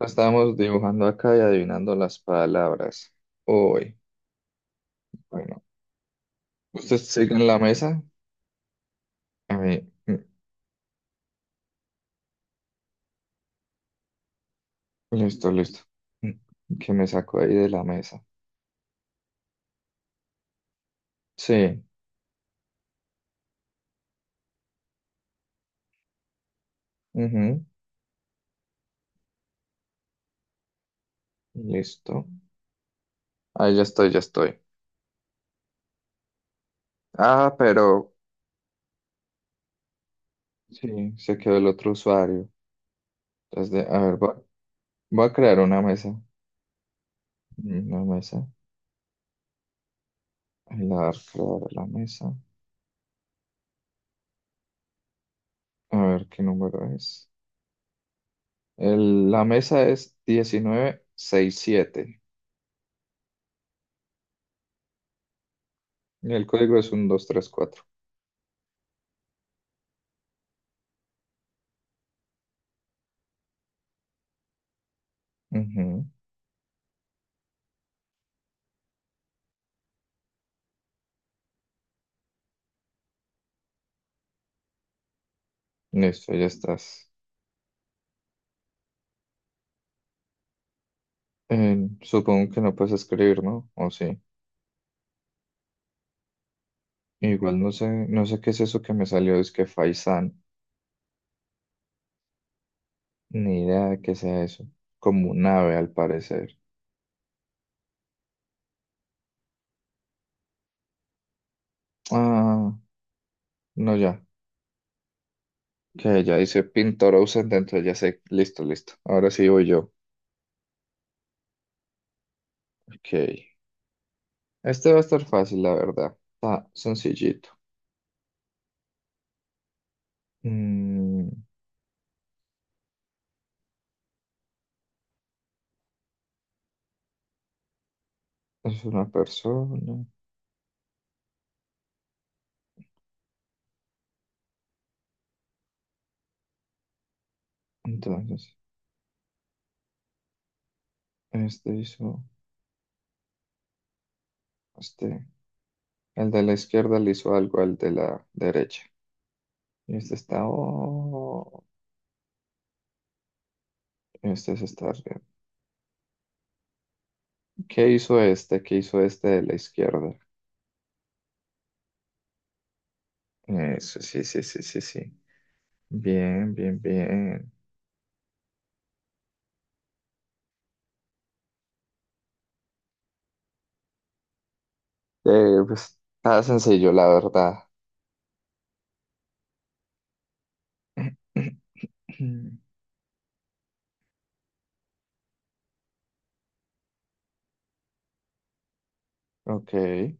Estábamos dibujando acá y adivinando las palabras. Uy, bueno, usted sigue en la mesa. A mí, mm, listo, listo. Mm, Que me sacó ahí de la mesa. Sí, ujú, listo. Ahí ya estoy, ya estoy. Ah, pero sí, se quedó el otro usuario. Entonces, a ver, voy a crear una mesa. Una mesa. Ahí la voy a crear la mesa. A ver qué número es. La mesa es 1967. Y el código es 1234. Ujú. Listo, ya estás. Supongo que no puedes escribir, ¿no? O sí. Igual no sé, no sé qué es eso que me salió, es que Faisán. Ni idea de qué sea eso. Como un ave, al parecer. Ah, no, ya. Que ya dice pintor ausente, entonces ya sé. Listo, listo. Ahora sí voy yo. Ok. Este va a estar fácil, la verdad. Está sencillito. Mm, es una persona. Entonces, este hizo. Este. El de la izquierda le hizo algo al de la derecha. Y este está, oh, este se está riendo. ¿Qué hizo este? ¿Qué hizo este de la izquierda? Eso, sí, sí, sí, sí, sí. Bien, bien, bien. Pues nada sencillo, la verdad. Ok, a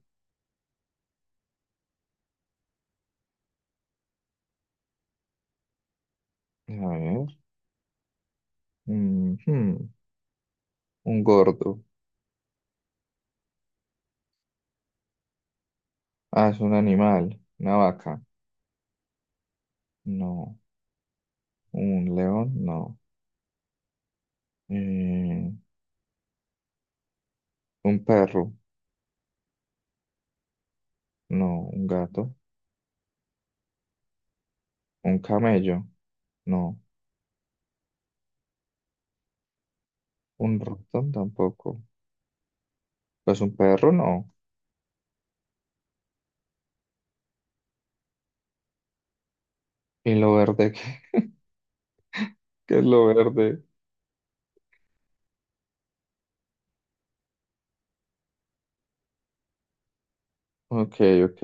ver. Ujú. Un gordo. Ah, es un animal. Una vaca. No. Un león. No. Eh, un perro. No. Un gato. Un camello, no. Un ratón tampoco. Pues un perro, no. ¿Y lo verde? ¿Qué, qué es lo verde? Ok, ok.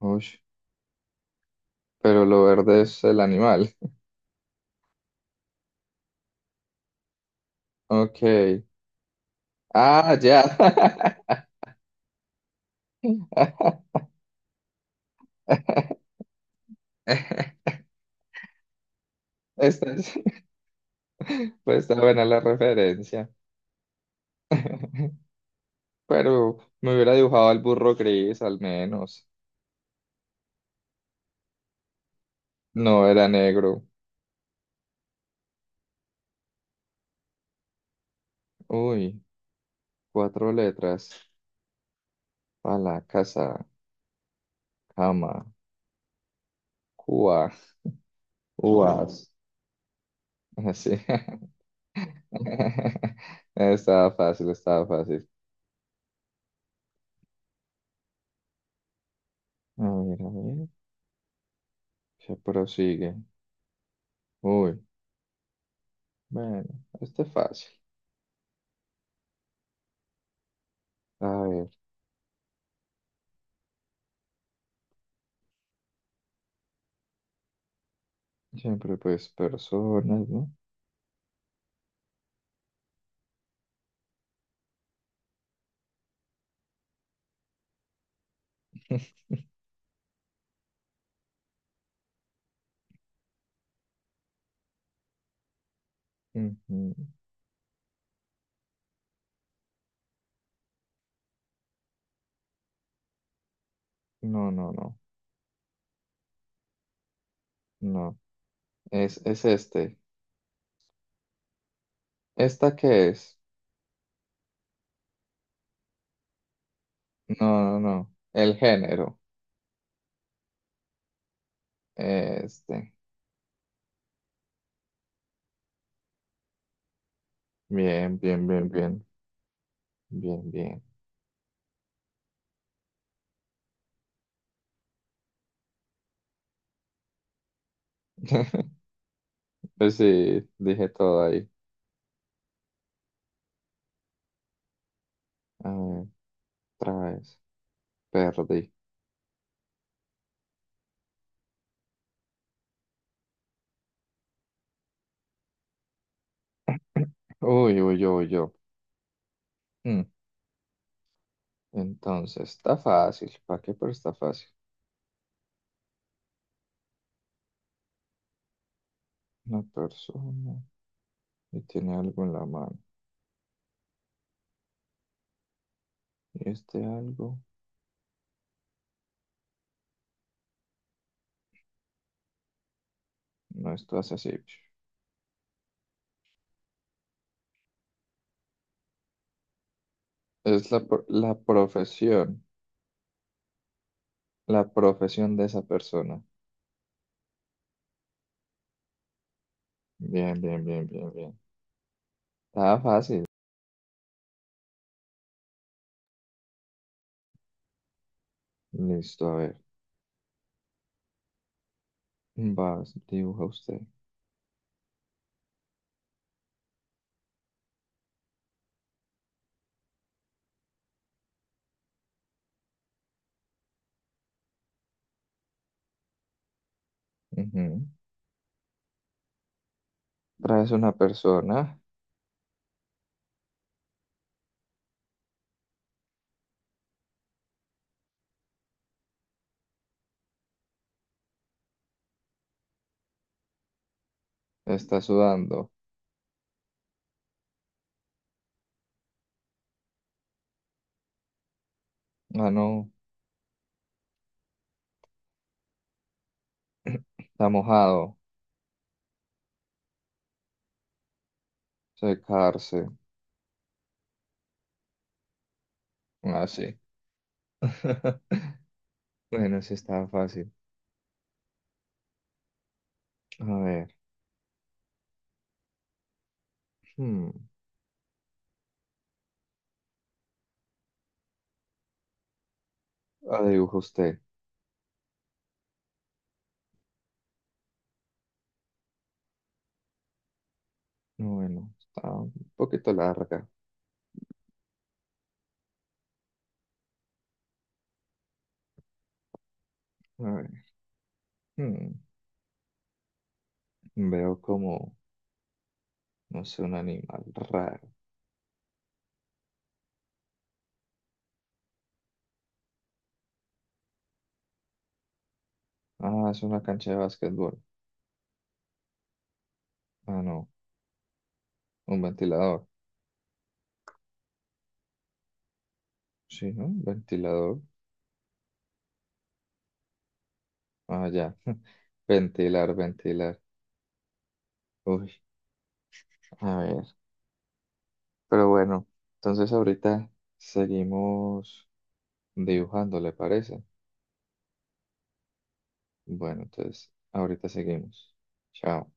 Ush, pero lo verde es el animal. Ok. Ah, ya. Esta es- pues está buena la referencia. Pero me hubiera dibujado al burro gris, al menos. No era negro. Uy, cuatro letras. A la casa, cama, cua. Uvas. Sí. Estaba fácil, estaba fácil. A ver, a ver. Se prosigue. Uy, bueno, este es fácil. A ver, siempre pues personas, ¿no? Ujú. No, no, no, no. Es este. ¿Esta qué es? No, no, no. El género. Este. Bien, bien, bien, bien. Bien, bien. Pues sí, dije todo ahí. A ver, otra vez. Perdí. Uy, uy, yo, uy, yo. Mm, Entonces, está fácil. ¿Para qué? Pero está fácil. Una persona y tiene algo en la mano. Y este algo no es hace así. Es la profesión. La profesión de esa persona. Bien, bien, bien, bien, bien. Está fácil. Listo, a ver. Vas, dibuja usted. Ujú. Traes una persona. Está sudando. Ah, no. Está mojado. Secarse. Así. Bueno, sí está fácil. A ver. Hmm. La dibuja usted. No, bueno, está un poquito larga. A ver. hmm, Veo como, no sé, un animal raro. Ah, es una cancha de básquetbol. Ah, no. Un ventilador. Sí, ¿no? Un ventilador. Ah, ya. Ventilar, ventilar. Uy, a ver. Pero bueno, entonces ahorita seguimos dibujando, ¿le parece? Bueno, entonces ahorita seguimos. Chao.